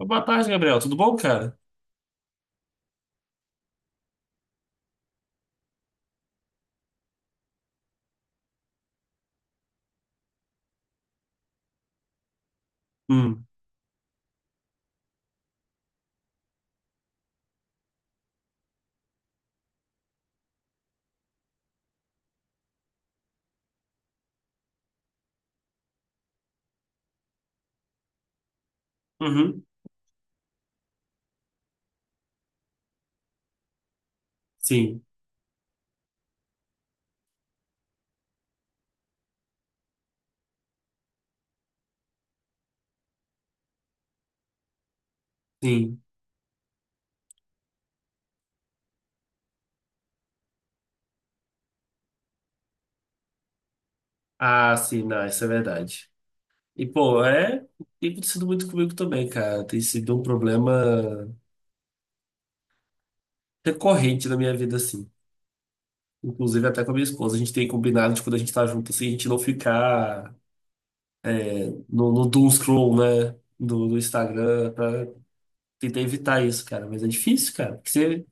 Boa tarde, Gabriel. Tudo bom, cara? Hum. Uhum. Sim, sim. Ah, sim, não, isso é verdade. E, pô, é. Tem acontecido muito comigo também, cara. Tem sido um problema recorrente na minha vida, assim. Inclusive até com a minha esposa. A gente tem combinado de quando a gente tá junto, assim, a gente não ficar no doom scroll, né? Do Instagram, pra tentar evitar isso, cara. Mas é difícil, cara.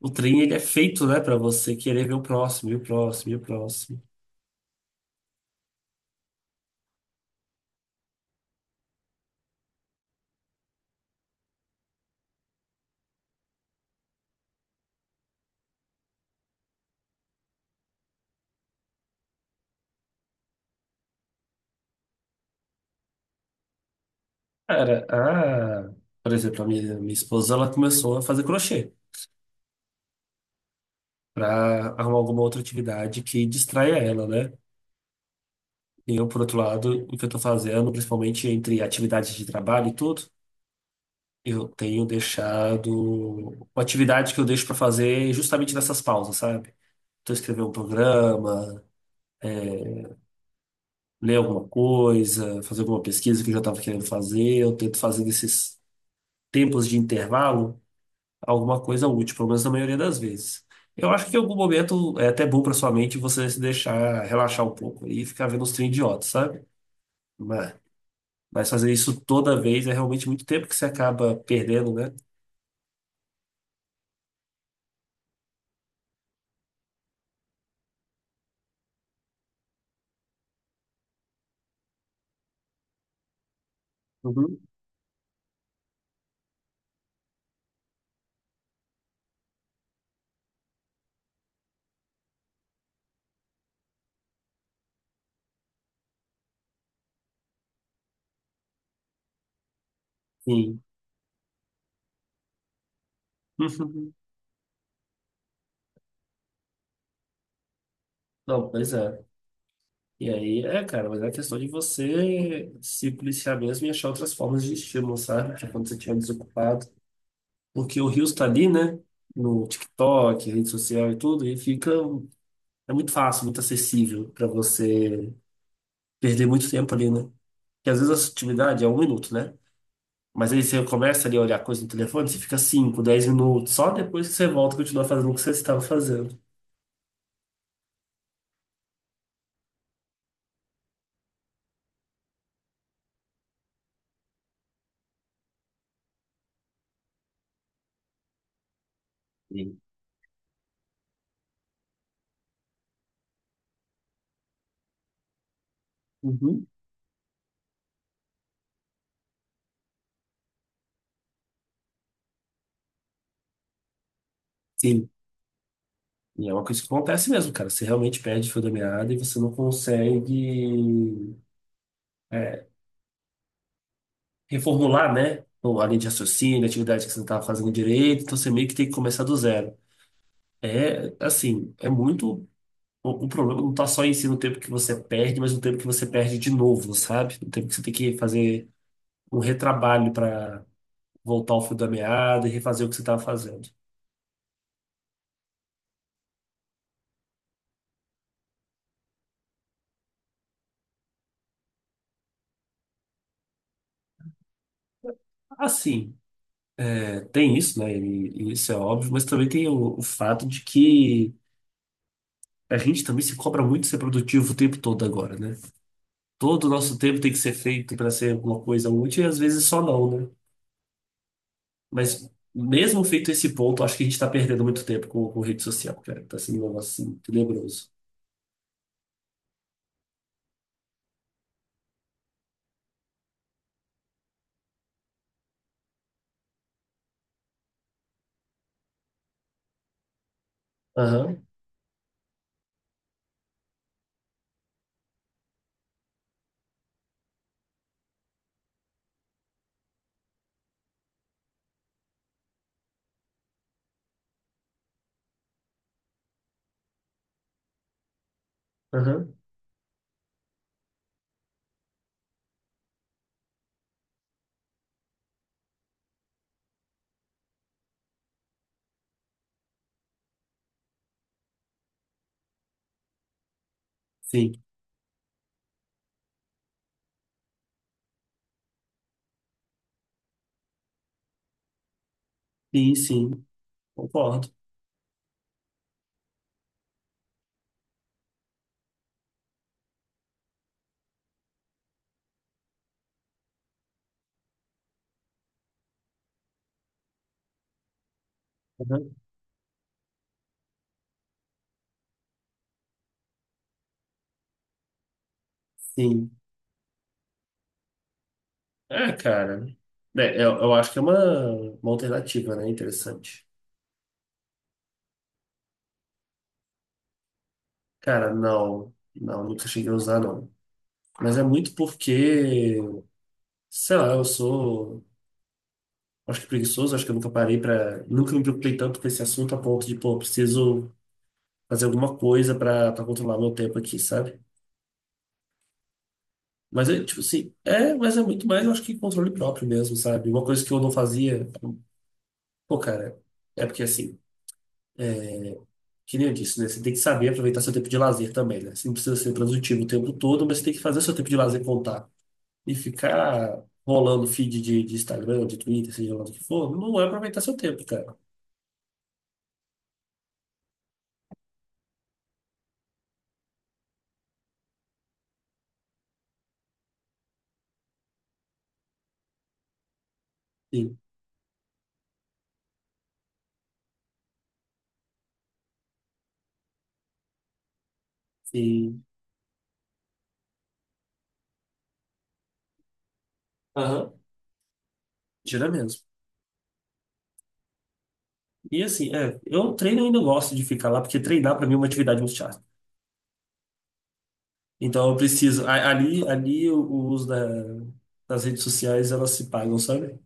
O trem, ele é feito, né, pra você querer ver o próximo, e o próximo, e o próximo. Cara, por exemplo, a minha esposa, ela começou a fazer crochê para arrumar alguma outra atividade que distraia ela, né? E eu, por outro lado, o que eu tô fazendo, principalmente entre atividades de trabalho e tudo, eu tenho deixado uma atividade que eu deixo para fazer justamente nessas pausas, sabe? Então, escrever um programa, é, ler alguma coisa, fazer alguma pesquisa que eu já estava querendo fazer, eu tento fazer nesses tempos de intervalo alguma coisa útil, pelo menos na maioria das vezes. Eu acho que em algum momento é até bom para sua mente você se deixar relaxar um pouco e ficar vendo uns trem idiota, sabe? Mas, mas fazer isso toda vez é realmente muito tempo que você acaba perdendo, né? Uhum. Sim. Não, pois é. E aí, cara, mas é questão de você se policiar mesmo e achar outras formas de estímulo, sabe? Tipo, quando você estiver desocupado. Porque o rio está ali, né? No TikTok, rede social e tudo, e fica. É muito fácil, muito acessível para você perder muito tempo ali, né? Porque às vezes a sutilidade é um minuto, né? Mas aí você começa ali a olhar coisa no telefone, você fica 5, 10 minutos, só depois que você volta e continua fazendo o que você estava fazendo. Sim. Uhum. Sim. E é uma coisa que acontece mesmo, cara. Você realmente perde o fio da meada e você não consegue é, reformular, né? Ou a linha de raciocínio, a atividade que você não estava fazendo direito, então você meio que tem que começar do zero. É, assim, é muito. O problema não está só em si no tempo que você perde, mas no tempo que você perde de novo, sabe? No tempo que você tem que fazer um retrabalho para voltar ao fio da meada e refazer o que você estava fazendo. Assim, tem isso, né? E isso é óbvio, mas também tem o fato de que a gente também se cobra muito ser produtivo o tempo todo agora, né? Todo o nosso tempo tem que ser feito para ser alguma coisa útil e às vezes só não, né? Mas mesmo feito esse ponto, acho que a gente está perdendo muito tempo com rede social, cara. Tá sendo um negócio assim, tenebroso. Aham, aham, sim, sim, sim, concordo. Aham, sim. É, cara, eu acho que é uma alternativa, né? Interessante. Cara, não, não, nunca cheguei a usar, não. Mas é muito porque, sei lá, eu sou. Acho que preguiçoso, acho que eu nunca parei para, nunca me preocupei tanto com esse assunto a ponto de, pô, preciso fazer alguma coisa para controlar meu tempo aqui, sabe? Mas é tipo assim, mas é muito mais, eu acho que controle próprio mesmo, sabe? Uma coisa que eu não fazia, pô, cara, é porque assim, que nem eu disse, né? Você tem que saber aproveitar seu tempo de lazer também, né? Você não precisa ser produtivo o tempo todo, mas você tem que fazer seu tempo de lazer contar. E ficar rolando feed de Instagram, de Twitter, seja lá do que for, não é aproveitar seu tempo, cara. Sim, sim. Aham. Tira mesmo. E assim, eu treino ainda gosto de ficar lá, porque treinar para mim é uma atividade muito chata. Então eu preciso. Ali o uso das redes sociais elas se pagam, sabe?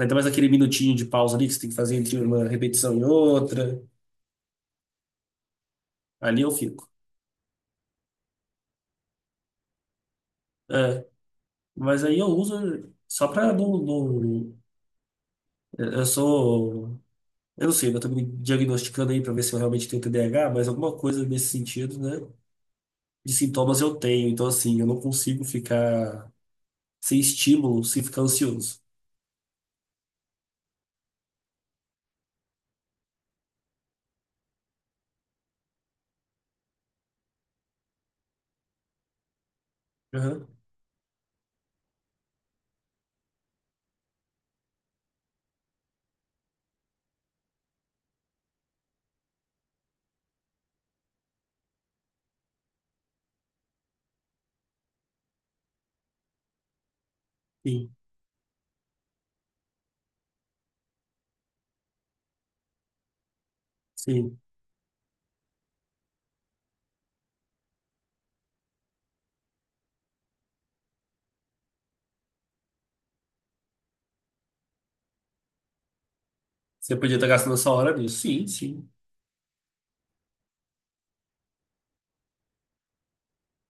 Ainda mais aquele minutinho de pausa ali que você tem que fazer entre uma repetição e outra. Ali eu fico. É, mas aí eu uso só para não... Eu sou. Eu não sei, eu tô me diagnosticando aí para ver se eu realmente tenho TDAH, mas alguma coisa nesse sentido, né? De sintomas eu tenho. Então, assim, eu não consigo ficar sem estímulo, sem ficar ansioso. Aham, sim, sim. Você podia estar gastando essa hora nisso. Sim, sim.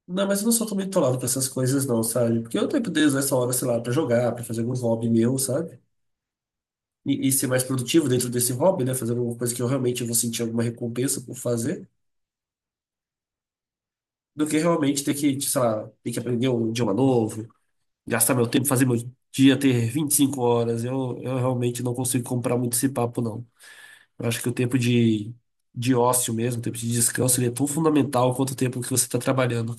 Não, mas eu não sou tão bitolado com essas coisas, não, sabe? Porque eu tenho poder usar essa hora, sei lá, pra jogar, pra fazer algum hobby meu, sabe? E ser mais produtivo dentro desse hobby, né? Fazer alguma coisa que eu realmente vou sentir alguma recompensa por fazer, do que realmente ter que, sei lá, ter que aprender um idioma novo, gastar meu tempo, fazer meu dia ter 25 horas. Eu realmente não consigo comprar muito esse papo, não. Eu acho que o tempo de ócio mesmo, o tempo de descanso, ele é tão fundamental quanto o tempo que você está trabalhando.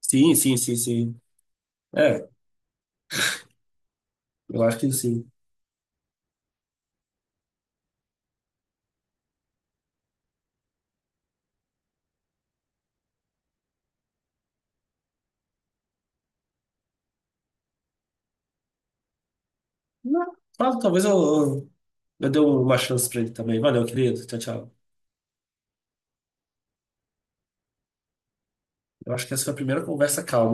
Sim, sim, sim, sim. É, eu acho que sim. Não, tá, talvez eu dê uma chance pra ele também. Valeu, querido. Tchau, tchau. Eu acho que essa foi a primeira conversa calma.